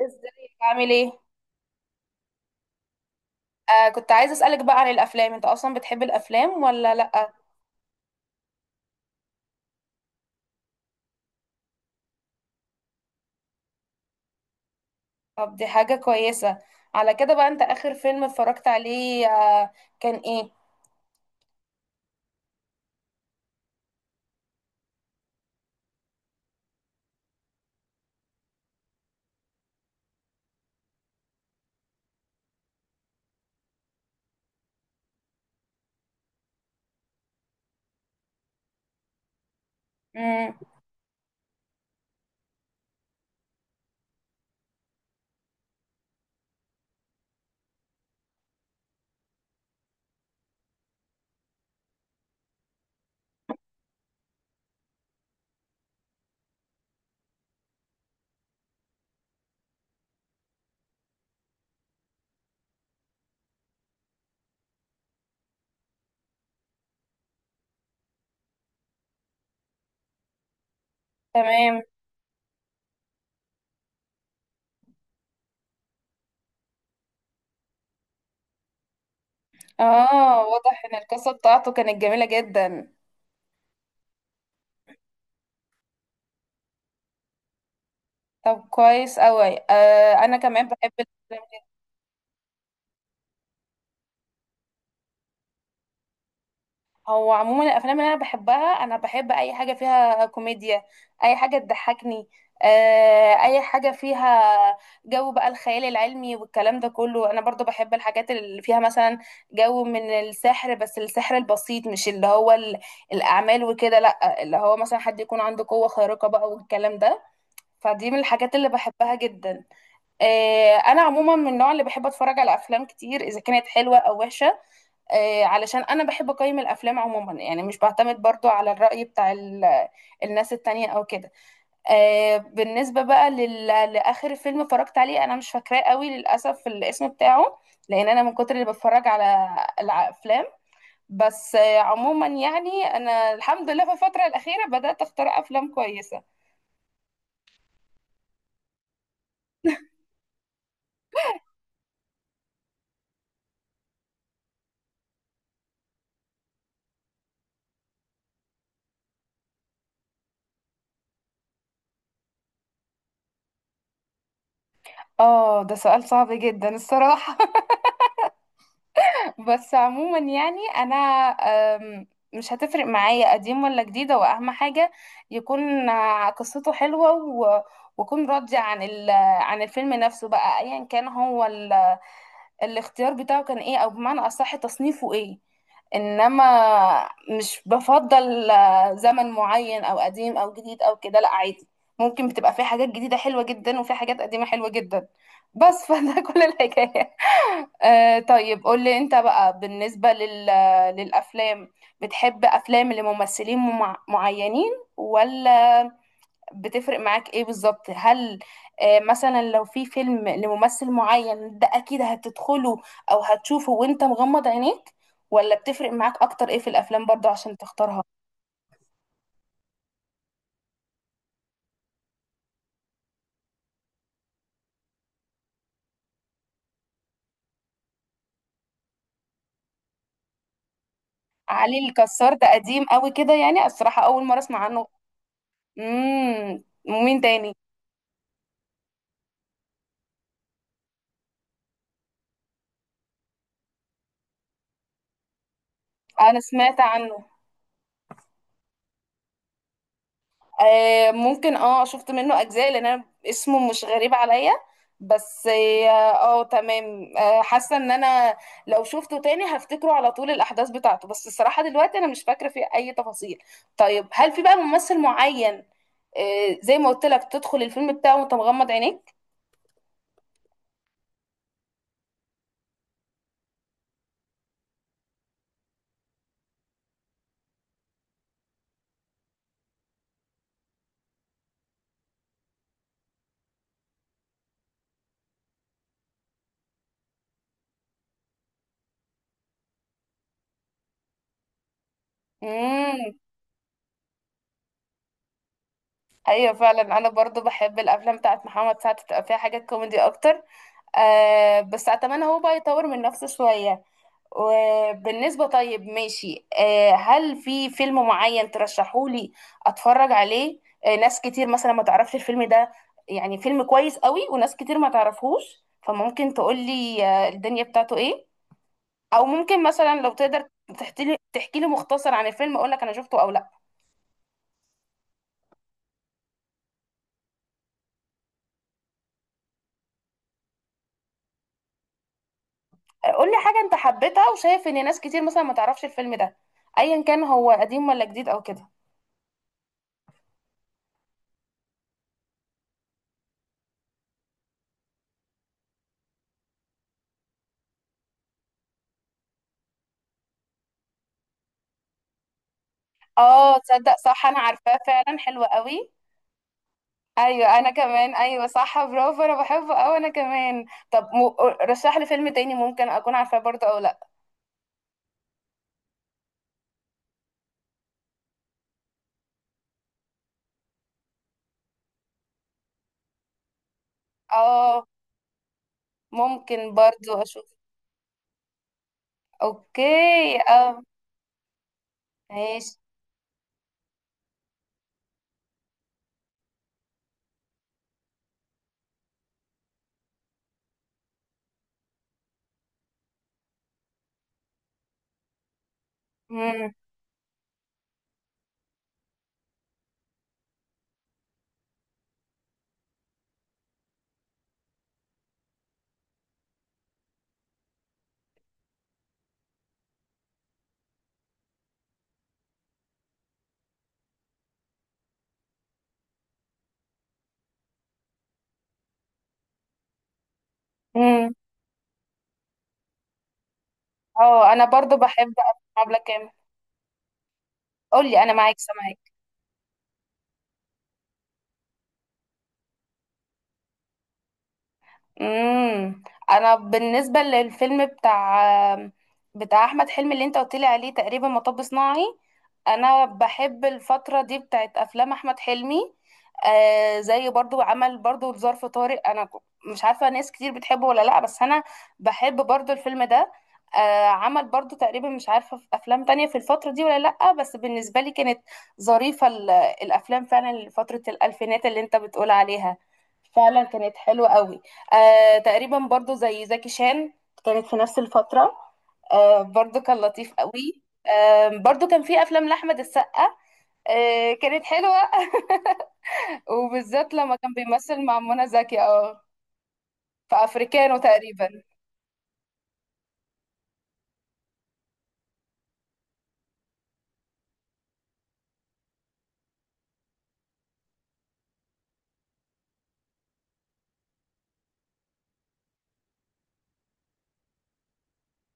ازيك عامل ايه؟ آه، كنت عايزه اسالك بقى عن الافلام. انت اصلا بتحب الافلام ولا لا؟ طب دي حاجه كويسه. على كده بقى، انت اخر فيلم اتفرجت عليه كان ايه؟ امم. تمام. اه، واضح ان القصه بتاعته كانت جميله جدا. طب كويس قوي. آه، انا كمان بحب الافلام. هو عموما الافلام اللي انا بحبها، انا بحب اي حاجه فيها كوميديا، اي حاجه تضحكني. اي حاجه فيها جو بقى الخيال العلمي والكلام ده كله. انا برضو بحب الحاجات اللي فيها مثلا جو من السحر، بس السحر البسيط، مش الاعمال وكده، لا، اللي هو مثلا حد يكون عنده قوه خارقه بقى والكلام ده. فدي من الحاجات اللي بحبها جدا. انا عموما من النوع اللي بحب اتفرج على افلام كتير، اذا كانت حلوه او وحشه. علشان انا بحب اقيم الافلام عموما، يعني مش بعتمد برضو على الرأي بتاع الناس التانية او كده. بالنسبة بقى لاخر فيلم اتفرجت عليه، انا مش فاكراه قوي للاسف الاسم بتاعه، لان انا من كتر اللي بتفرج على الافلام. بس عموما يعني انا الحمد لله في الفترة الاخيرة بدأت اختار افلام كويسة. اه، ده سؤال صعب جدا الصراحة. بس عموما يعني انا أم، مش هتفرق معايا قديم ولا جديد. هو اهم حاجه يكون قصته حلوه وكون راضي عن عن الفيلم نفسه بقى، ايا كان هو الاختيار بتاعه كان ايه، او بمعنى اصح تصنيفه ايه. انما مش بفضل زمن معين، او قديم او جديد او كده، لا، عادي. ممكن بتبقى في حاجات جديدة حلوة جدا وفي حاجات قديمة حلوة جدا. بس فده كل الحكاية. آه طيب، قول لي انت بقى، بالنسبة للأفلام، بتحب أفلام لممثلين معينين، ولا بتفرق معاك ايه بالظبط؟ هل آه، مثلا لو في فيلم لممثل معين، ده اكيد هتدخله او هتشوفه وانت مغمض عينيك، ولا بتفرق معاك اكتر ايه في الافلام برضه عشان تختارها؟ علي الكسار ده قديم قوي كده يعني، الصراحة اول مرة اسمع عنه. امم، ومين تاني؟ انا سمعت عنه. آه ممكن، اه شفت منه اجزاء لان انا اسمه مش غريب عليا. بس اه، تمام. آه، حاسه ان انا لو شفته تاني هفتكره على طول الاحداث بتاعته، بس الصراحه دلوقتي انا مش فاكره فيه اي تفاصيل. طيب، هل في بقى ممثل معين، آه زي ما قلت لك، تدخل الفيلم بتاعه وانت مغمض عينيك؟ امم. ايوه فعلا، انا برضو بحب الافلام بتاعت محمد سعد، بتبقى فيها حاجات كوميدي اكتر. آه بس اتمنى هو بقى يطور من نفسه شويه. وبالنسبة، طيب ماشي، آه، هل في فيلم معين ترشحولي اتفرج عليه؟ ناس كتير مثلا ما تعرفش الفيلم ده، يعني فيلم كويس قوي وناس كتير ما تعرفهوش، فممكن تقولي آه، الدنيا بتاعته ايه، او ممكن مثلا لو تقدر تحكي لي مختصر عن الفيلم اقول لك انا شفته او لا. قولي حاجة انت حبيتها وشايف ان ناس كتير مثلا ما تعرفش الفيلم ده، ايا كان هو قديم ولا جديد او كده. اه، تصدق صح، انا عارفاه فعلا، حلو قوي. ايوه انا كمان، ايوه صح، برافو، انا بحبه اوي انا كمان. طب م... رشح لي فيلم تاني ممكن اكون عارفاه برضه او لا. اه، ممكن برضه اشوف. اوكي. اه. ماشي. امم. امم. اه، انا برضه بحب افلام عبلة كامل. قول لي، انا معاك سامعاك. امم. انا بالنسبه للفيلم بتاع احمد حلمي اللي انت قلت لي عليه، تقريبا مطب صناعي. انا بحب الفتره دي بتاعت افلام احمد حلمي. آه زي برضو عمل برضو ظرف طارق، انا مش عارفه ناس كتير بتحبه ولا لا، بس انا بحب برضو الفيلم ده. آه عمل برضو تقريبا، مش عارفه في افلام تانية في الفتره دي ولا لا، بس بالنسبه لي كانت ظريفه الافلام. فعلا لفتره الالفينات اللي انت بتقول عليها، فعلا كانت حلوه قوي. آه تقريبا برضو زي زكي شان، كانت في نفس الفترة. آه برضو كان لطيف قوي. آه برضو كان في أفلام لأحمد السقا. آه كانت حلوة وبالذات لما كان بيمثل مع منى زكي، اه، في أفريكانو تقريبا.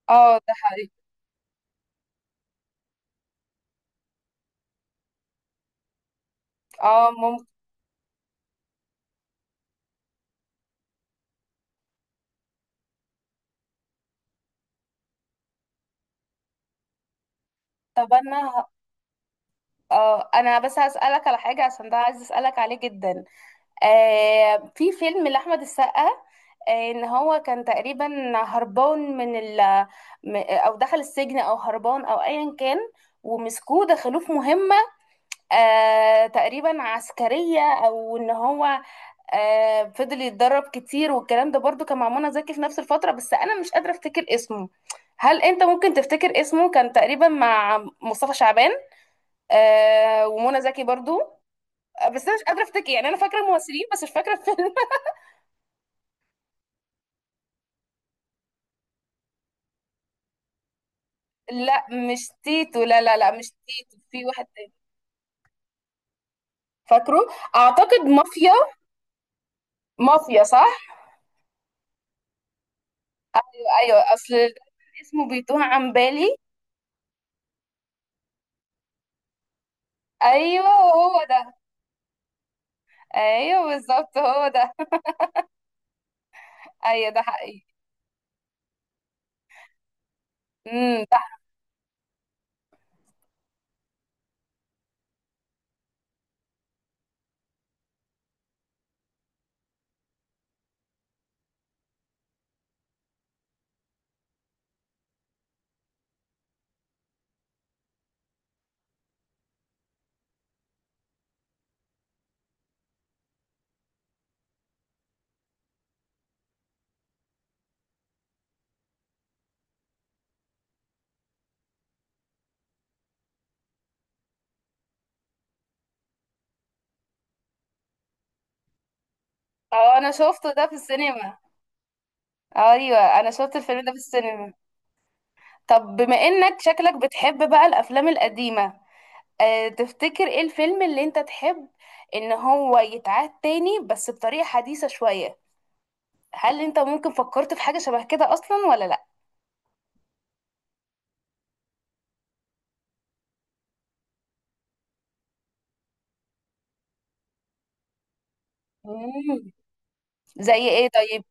اه ده حقيقي. اه ممكن. طب أنا ه- اه أنا بس هسألك على حاجة عشان ده عايز أسألك عليه جدا. آه في فيلم لأحمد السقا، آه ان هو كان تقريبا هربان من او دخل السجن او هربان او ايا كان، ومسكوه دخلوه في مهمة آه تقريبا عسكرية، او ان هو آه فضل يتدرب كتير والكلام ده، برضو كان مع منى زكي في نفس الفترة، بس انا مش قادرة افتكر اسمه. هل انت ممكن تفتكر اسمه؟ كان تقريبا مع مصطفى شعبان آه ومنى زكي برضو. بس انا مش قادرة افتكر، يعني انا فاكرة الممثلين بس مش فاكرة الفيلم. لا مش تيتو، لا لا لا مش تيتو، في واحد تاني. فاكره، اعتقد مافيا. مافيا صح. ايوه أيوة. اصل اسمه بيتوه عن بالي. ايوه هو ده. ايوه بالظبط هو ده. ايوه ده حقيقي. امم. ده اه، انا شفته ده في السينما. ايوه انا شفت الفيلم ده في السينما. طب بما انك شكلك بتحب بقى الافلام القديمه، أه تفتكر ايه الفيلم اللي انت تحب ان هو يتعاد تاني بس بطريقه حديثه شويه؟ هل انت ممكن فكرت في حاجة شبه كده اصلا ولا لا؟ مم. زي ايه طيب؟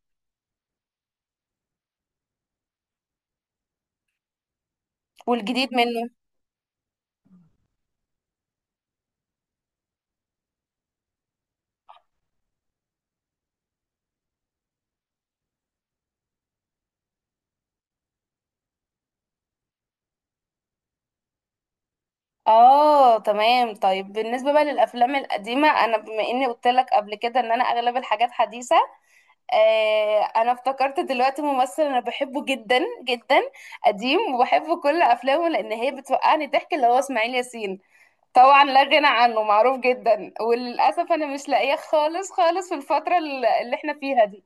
والجديد منه؟ اه تمام. طيب بالنسبة بقى للافلام القديمة، انا بما اني قلت لك قبل كده ان انا اغلب الحاجات حديثة، آه انا افتكرت دلوقتي ممثل انا بحبه جدا جدا، قديم، وبحب كل افلامه لان هي بتوقعني ضحك، اللي هو اسماعيل ياسين. طبعا لا غنى عنه، معروف جدا، وللاسف انا مش لاقيه خالص خالص في الفترة اللي احنا فيها دي.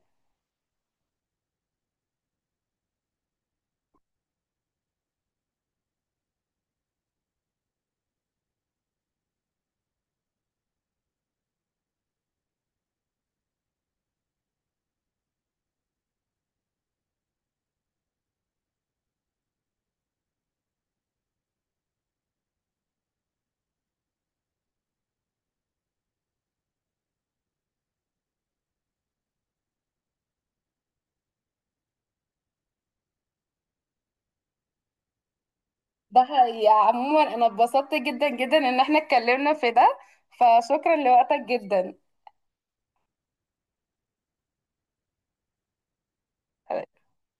ده حقيقة. عموما أنا اتبسطت جدا جدا إن احنا اتكلمنا في ده، فشكرا لوقتك جدا.